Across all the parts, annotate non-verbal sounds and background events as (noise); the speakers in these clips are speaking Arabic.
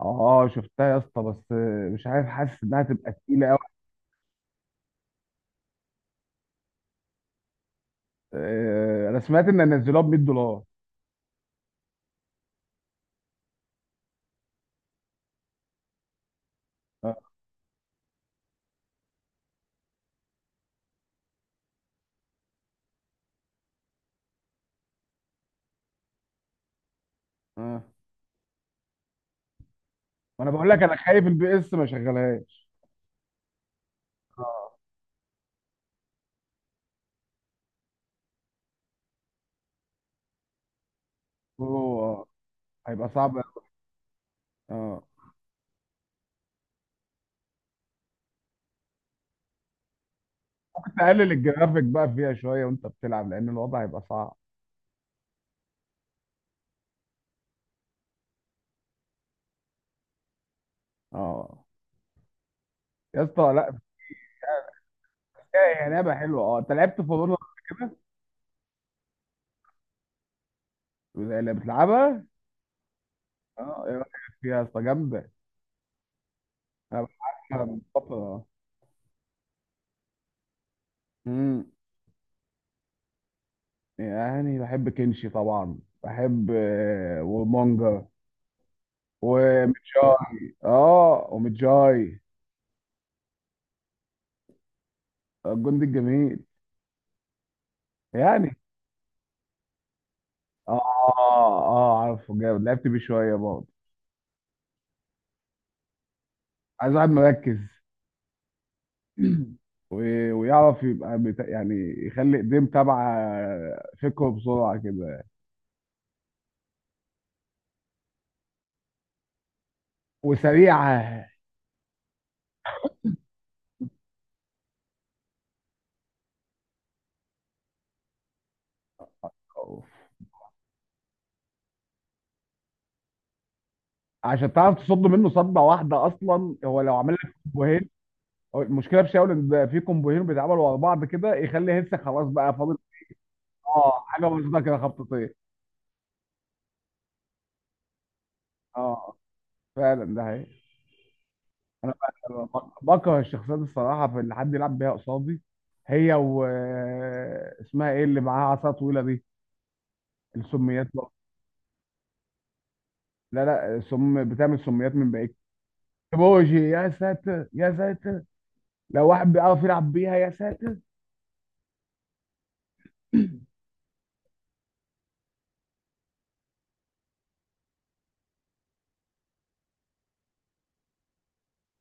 اه، شفتها يا اسطى، بس مش عارف، حاسس انها تبقى تقيله قوي. انا سمعت ان نزلوها ب 100 دولار. آه، آه. وانا بقول لك انا خايف البي اس ما شغلهاش. اه، هو هيبقى صعب أوي. اه، كنت اقلل الجرافيك بقى فيها شويه وانت بتلعب، لان الوضع هيبقى صعب. اه، يا اسطى، لا بس. هي لعبه حلوه. اه، انت لعبت فالونا اللي بتلعبها؟ اه، ايه رايك فيها يا اسطى؟ جامده. انا بلعبها من فتره. يعني بحب كنشي طبعا، بحب ومانجا ومتجاي الجندي الجميل، يعني. اه، اه، عارفه جامد، لعبت بيه شويه برضه. عايز واحد مركز. (clears throat) ويعرف يبقى يعني، يخلي ايديه تبع فكره بسرعه كده، وسريعه. عشان تعرف تصد منه صدة واحدة، أصلا هو لو عمل لك. هو المشكله في شاول ان بقى في كومبوهين بيتعملوا ورا بعض كده يخلي هيلث خلاص بقى فاضل. اه، حاجه بسيطه كده، خبطتين. اه، فعلا، ده حقيقي. انا بكره الشخصيات الصراحه في اللي حد يلعب بيها قصادي. هي و اسمها ايه اللي معاها عصا طويله دي؟ السميات بقى. لا لا، سم بتعمل سميات من بعيد. بوجي، يا ساتر يا ساتر. لو واحد بيعرف يلعب بيها يا ساتر.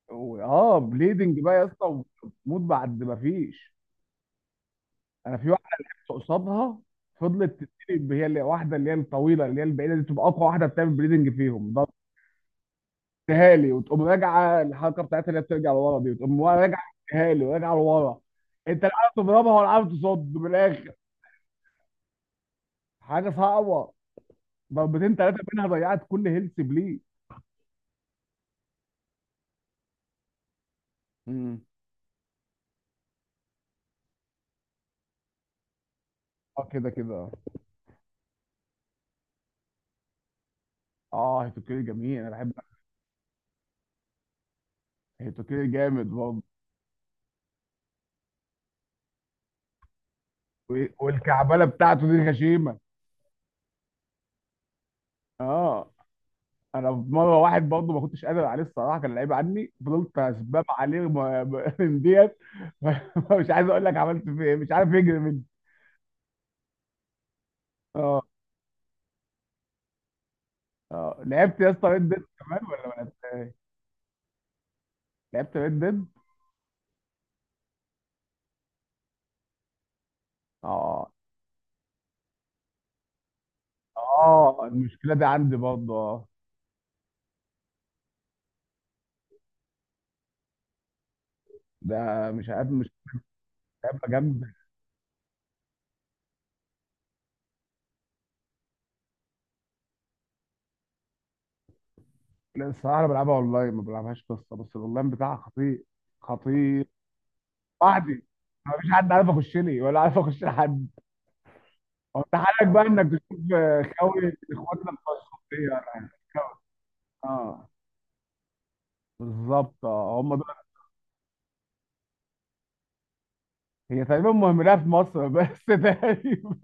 بليدنج بقى يا اسطى، وتموت بعد ما فيش. انا في واحده لعبت قصادها فضلت تتقلب، هي اللي واحده اللي هي الطويله اللي هي البعيده دي تبقى اقوى واحده بتعمل بريدنج فيهم. ضربتها لي وتقوم راجعه، الحركه بتاعتها اللي هي بترجع لورا دي وتقوم راجعه. اديها لي وراجعه لورا. انت لا عارف تضربها ولا عارف تصد من الاخر. حاجه صعبه. ضربتين ثلاثه منها ضيعت كل هيلث بليه. مم. اه، كده كده، اه. هيتوكيري جميل، انا بحب هيتوكيري، جامد برضه. والكعبله بتاعته دي غشيمه. اه، انا في مره واحد برضه ما كنتش قادر عليه الصراحه، كان لعيب عني، فضلت اسباب عليه من ديت. (laughs) مش عايز اقول لك عملت فيه ايه، مش عارف يجري مني. اه، اه، لعبت يا اسطى ريد ديد كمان ولا ما لعبتهاش؟ لعبت ريد ديد. اه، اه، المشكله دي عندي برضه، اه. ده مش عارف مش. لعبه جامده. لا، الصراحه انا بلعبها اونلاين ما بلعبهاش قصه، بس الاونلاين بتاعها خطير، خطير. لوحدي. أنا مفيش حد عارف اخش لي ولا عارف اخش لحد. هو انت حالك بقى انك تشوف. خاوي، اخواتنا بتوع الشرقيه يعني، خاوي. اه، بالظبط، اه، هم دول. هي تقريبا مهملها في مصر بس (laughs) تقريبا.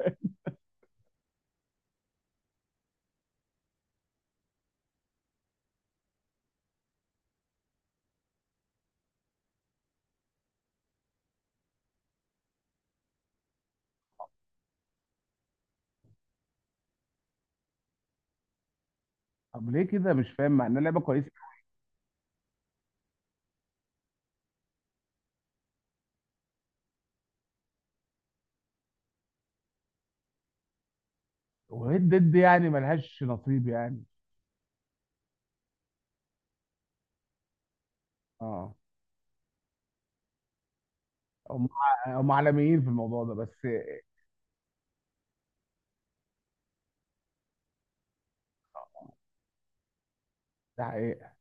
طب ليه كده؟ مش فاهم مع انها لعبه كويسه. وريد ديد يعني ملهاش نصيب يعني. اه، هم هم عالميين في الموضوع ده بس. ده حقيقة.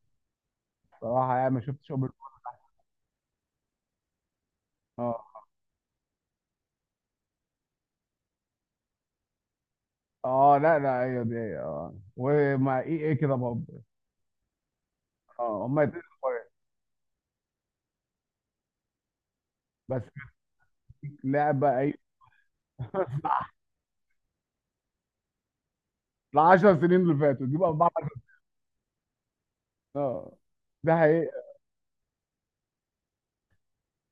صراحة يعني ما شفتش اوبن. اه، اه، لا لا، هي دي، اه، ومع اي ايه كده برضه. اه، هم الاثنين كويس. بس لعبة اي. ال 10 سنين اللي فاتوا دي بقى اربعة. اه، ده حقيقي.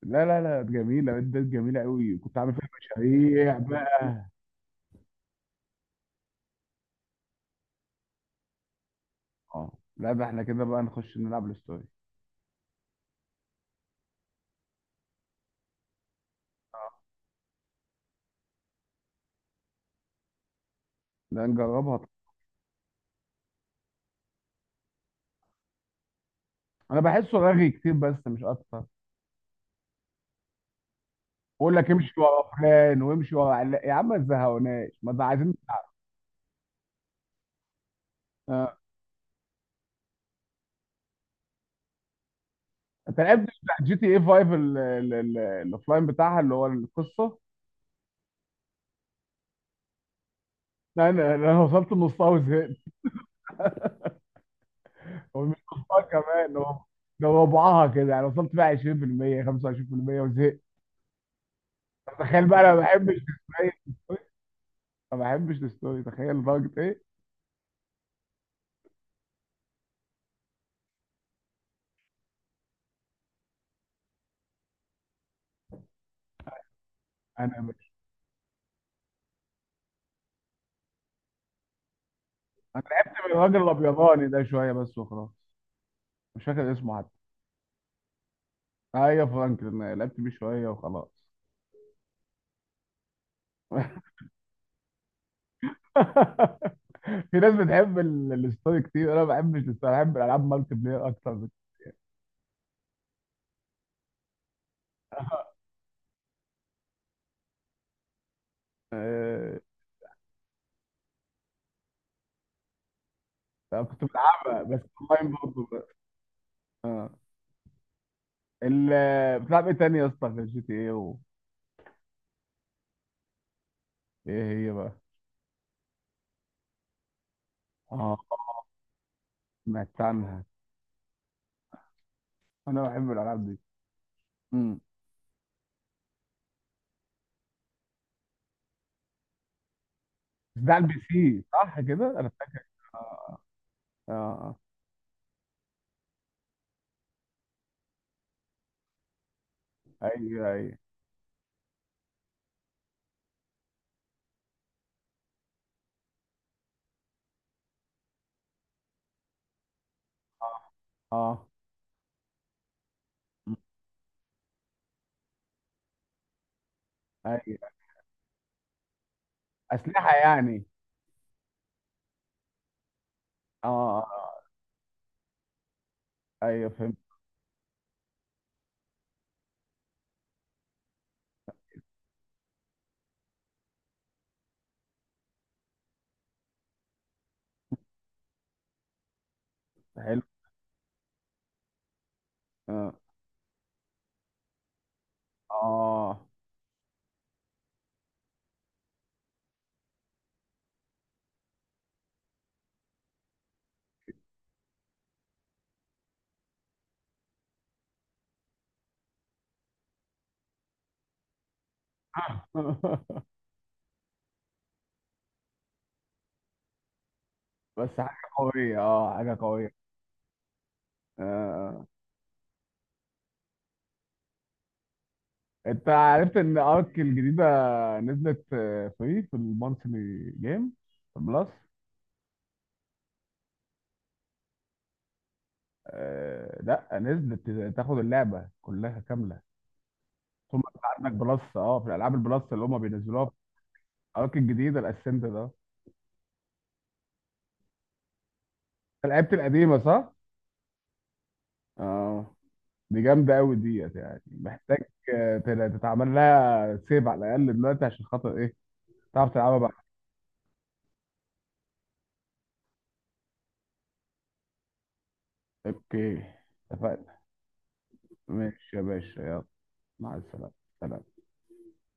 لا لا لا، جميلة، ده جميلة قوي. كنت عامل فيها مشاريع بقى. اه، لا، ده احنا كده بقى نخش نلعب الستوري. لا، نجربها طبعا. انا بحسه رغي كتير، بس مش اكتر. بقول لك امشي ورا فلان وامشي ورا يا عم ما تزهقوناش، ما ده عايزين. آه. انت لعبت بتاع جي تي اي 5 الاوفلاين بتاعها اللي هو القصه؟ لا، انا وصلت لنصها وزهقت. هو مش نصها كمان، هو ده ربعها كده يعني. وصلت بقى 20% 25% وزهقت. تخيل بقى، انا ما بحبش السباق. ما بحبش الستوري، تخيل لدرجة ايه. انا مش انا لعبت من الراجل الابيضاني ده شوية بس وخلاص، مش فاكر اسمه حتى. ايوه، فرانكلين، لعبت بيه شوية وخلاص. (laughs) في ناس بتحب الستوري كتير، انا ما بحبش الستوري، بحب الالعاب مالتي بلاير اكتر آه... طب كنت بلعبها بس اونلاين برضه بقى. آه. ال... بتلعب ايه تاني يا اسطى غير جي تي ايه و...؟ ايه هي بقى؟ اه، سمعت عنها. انا بحب الالعاب دي. امم. بس ده على البي سي صح كده، انا فاكر. اه، اه، ايوه ايوه، اه. م. ايوه، اسلحه يعني. اه، آه، آه. ايوه فهمت. حلو. اه، آه. (laughs) بس حاجه قويه، اه، حاجه قويه. آه. آه. انت عرفت ان ارك الجديده نزلت فري في المونثلي جيم بلس؟ آه. لا، نزلت تاخد اللعبه كلها كامله. ثم انت عندك بلس، اه، في الالعاب البلس اللي هم بينزلوها في ارك الجديده الاسنت ده. أنت لعبت القديمه صح؟ اه، دي جامدة أوي ديت، يعني محتاج تتعمل لها سيف على الأقل دلوقتي، عشان خاطر إيه تعرف تلعبها بقى. أوكي، اتفقنا. ماشي يا باشا، يلا. مع السلامة. سلام.